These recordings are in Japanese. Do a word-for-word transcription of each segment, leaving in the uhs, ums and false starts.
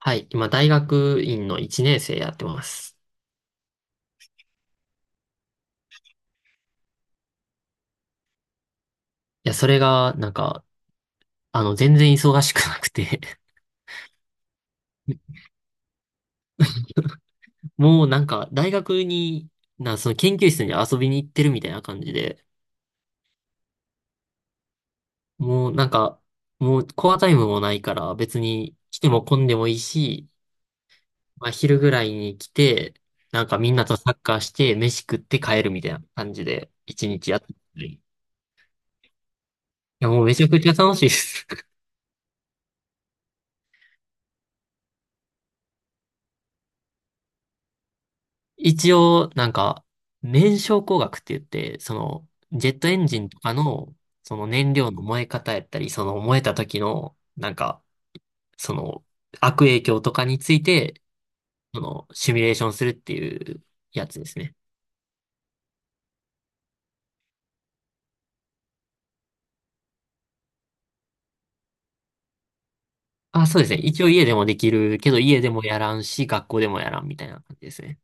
はい。今、大学院のいちねん生やってます。いや、それが、なんか、あの、全然忙しくなくて。 もうなんか、大学に、な、その研究室に遊びに行ってるみたいな感じで、もうなんか、もうコアタイムもないから、別に来ても混んでもいいし、まあ、昼ぐらいに来て、なんかみんなとサッカーして、飯食って帰るみたいな感じで、一日やってる。いや、もうめちゃくちゃ楽しいです。一応、なんか、燃焼工学って言って、その、ジェットエンジンとかの、その燃料の燃え方やったり、その燃えた時の、なんか、その、悪影響とかについて、その、シミュレーションするっていうやつですね。あ、そうですね。一応家でもできるけど、家でもやらんし、学校でもやらんみたいな感じですね。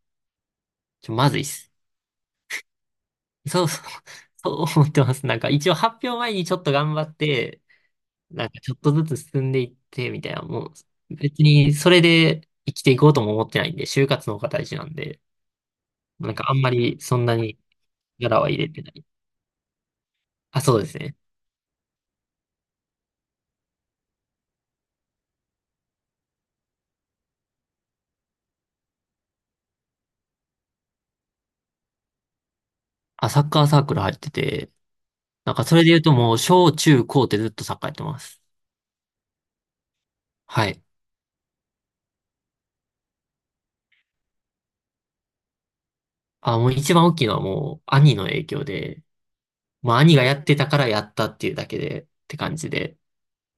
ちょ、まずいっす。そうそう。そう思ってます。なんか、一応発表前にちょっと頑張って、なんかちょっとずつ進んでいって、みたいな、もう、別にそれで生きていこうとも思ってないんで、就活の方が大事なんで、なんかあんまりそんなに力は入れてない。あ、そうですね。あ、サッカーサークル入ってて、なんかそれで言うともう、小中高ってずっとサッカーやってます。はい。あ、もう一番大きいのはもう、兄の影響で、まあ兄がやってたからやったっていうだけで、って感じで。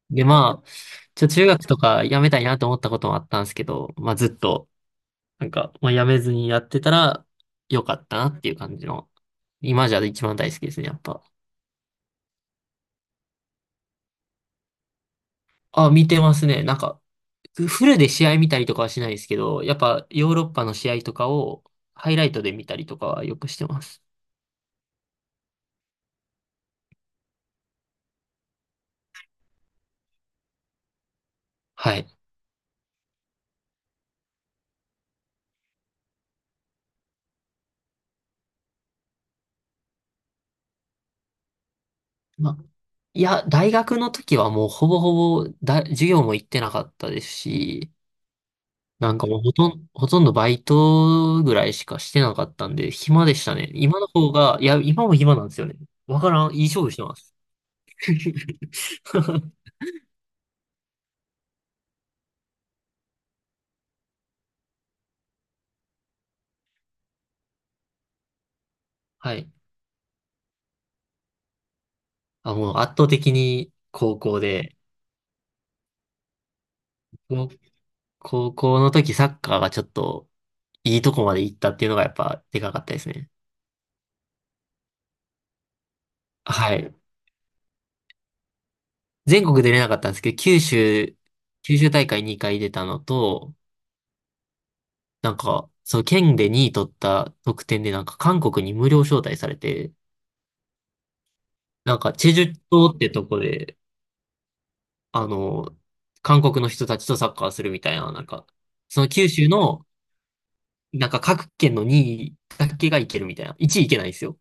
で、まあ、ちょ、中学とかやめたいなと思ったこともあったんですけど、まあずっと、なんか、まあ、やめずにやってたら、よかったなっていう感じの、今じゃ一番大好きですね、やっぱ。あ、見てますね。なんか、フルで試合見たりとかはしないですけど、やっぱヨーロッパの試合とかをハイライトで見たりとかはよくしてます。はい。まあ、いや、大学の時はもうほぼほぼだ、授業も行ってなかったですし、なんかもうほとん、ほとんどバイトぐらいしかしてなかったんで、暇でしたね。今の方が、いや、今も暇なんですよね。わからん、いい勝負してます。はい。あ、もう圧倒的に高校で、高高校の時サッカーがちょっといいとこまで行ったっていうのがやっぱでかかったですね。はい。全国出れなかったんですけど、九州、九州大会にかい出たのと、なんか、その県でにい取った得点でなんか韓国に無料招待されて、なんかチェジュ島ってとこで、あの、韓国の人たちとサッカーするみたいな、なんか、その九州の、なんか各県のにいだけが行けるみたいな。いちい行けないんですよ。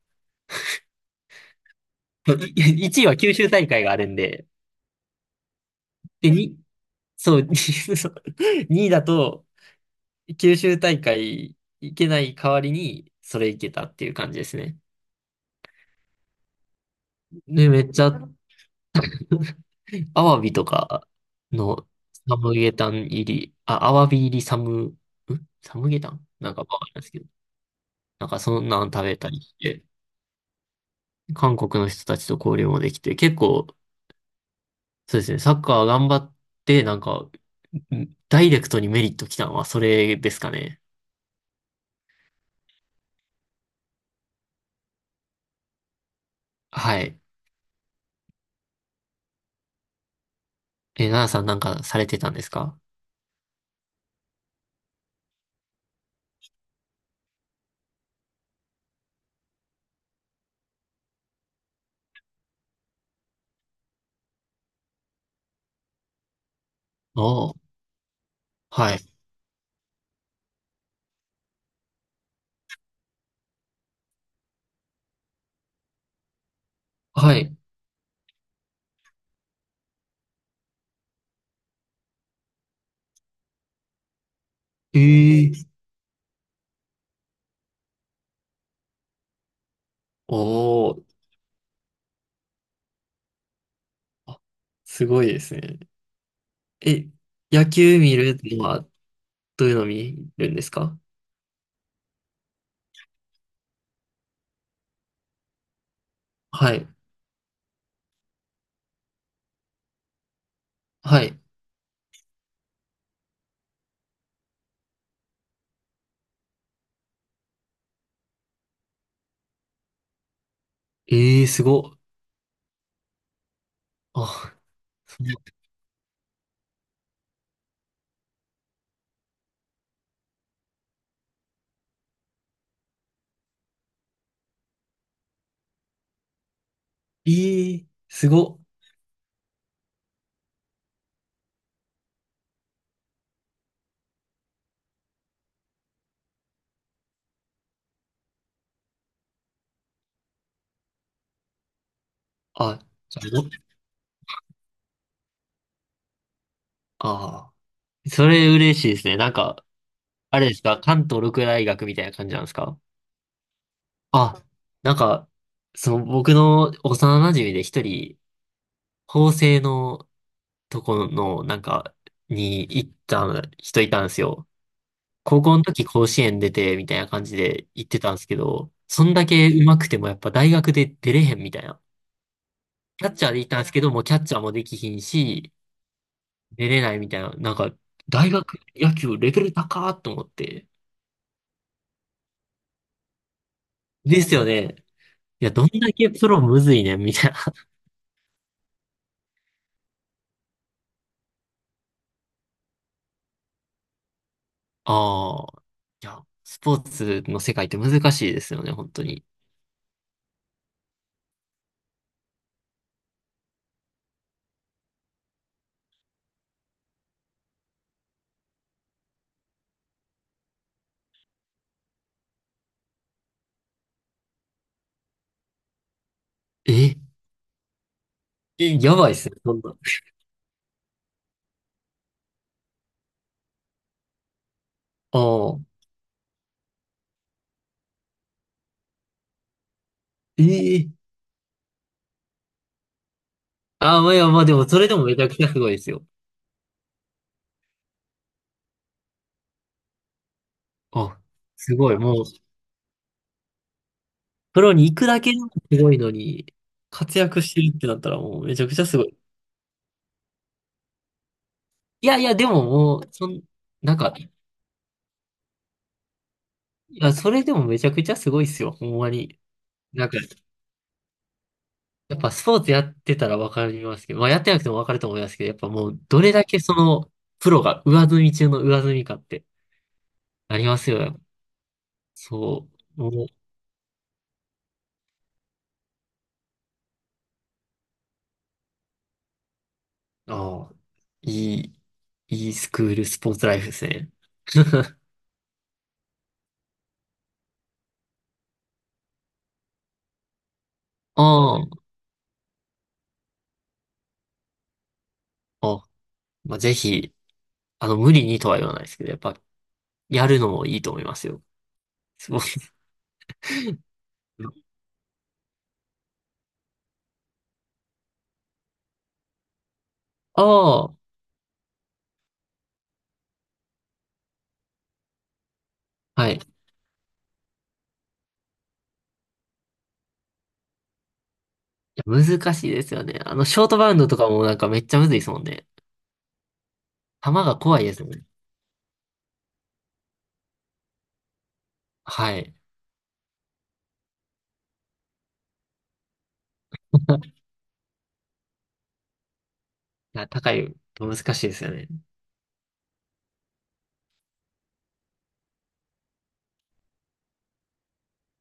そいいちいは九州大会があるんで、で、に、そう、にいだと、九州大会行けない代わりに、それ行けたっていう感じですね。で、めっちゃ、アワビとかの、サムゲタン入り、あ、アワビ入りサム、んサムゲタンなんかわかんないですけど、なんかそんなん食べたりして、韓国の人たちと交流もできて、結構、そうですね、サッカー頑張って、なんか、んダイレクトにメリット来たのはそれですかね。はい。え、奈々さんなんかされてたんですか？おおー、はい。はい。ええおおあすごいですね。え、野球見るのはどういうの見るんですか？はい。はい。えー、すごっ。あ、そうえー、すごっ。あ、それどあー、それ嬉しいですね。なんか、あれですか？関東六大学みたいな感じなんですか？あ、なんか、その僕の幼馴染で一人、法政のとこの、なんか、に行った人いたんですよ。高校の時甲子園出て、みたいな感じで行ってたんですけど、そんだけ上手くてもやっぱ大学で出れへんみたいな。キャッチャーで行ったんですけど、もうキャッチャーもできひんし、出れないみたいな。なんか、大学野球レベル高ーと思って。ですよね。いや、どんだけプロむずいねん、みたいな。ああ、いや、スポーツの世界って難しいですよね、本当に。え、え、やばいっすね、そんな。ああ、ええああ、まあ、いや、まあでも、それでもめちゃくちゃすごいですよ。あ、すごい。もう、プロに行くだけでもすごいのに、活躍してるってなったらもうめちゃくちゃすごい。いやいや、でももう、そん、なんか、いや、それでもめちゃくちゃすごいっすよ。ほんまに。なんか、やっぱスポーツやってたらわかりますけど、まあやってなくてもわかると思いますけど、やっぱもう、どれだけその、プロが上積み中の上積みかってありますよね。そう。もう、ああ、いい、いいスクールスポーツライフですね。ああ、あ、まあ、ぜひ、あの、無理にとは言わないですけど、やっぱ、やるのもいいと思いますよ。すごい。ああ、はい。いや、難しいですよね。あの、ショートバウンドとかもなんかめっちゃむずいですもんね。球が怖いですもんね。はい。いや、高いと難しいですよね。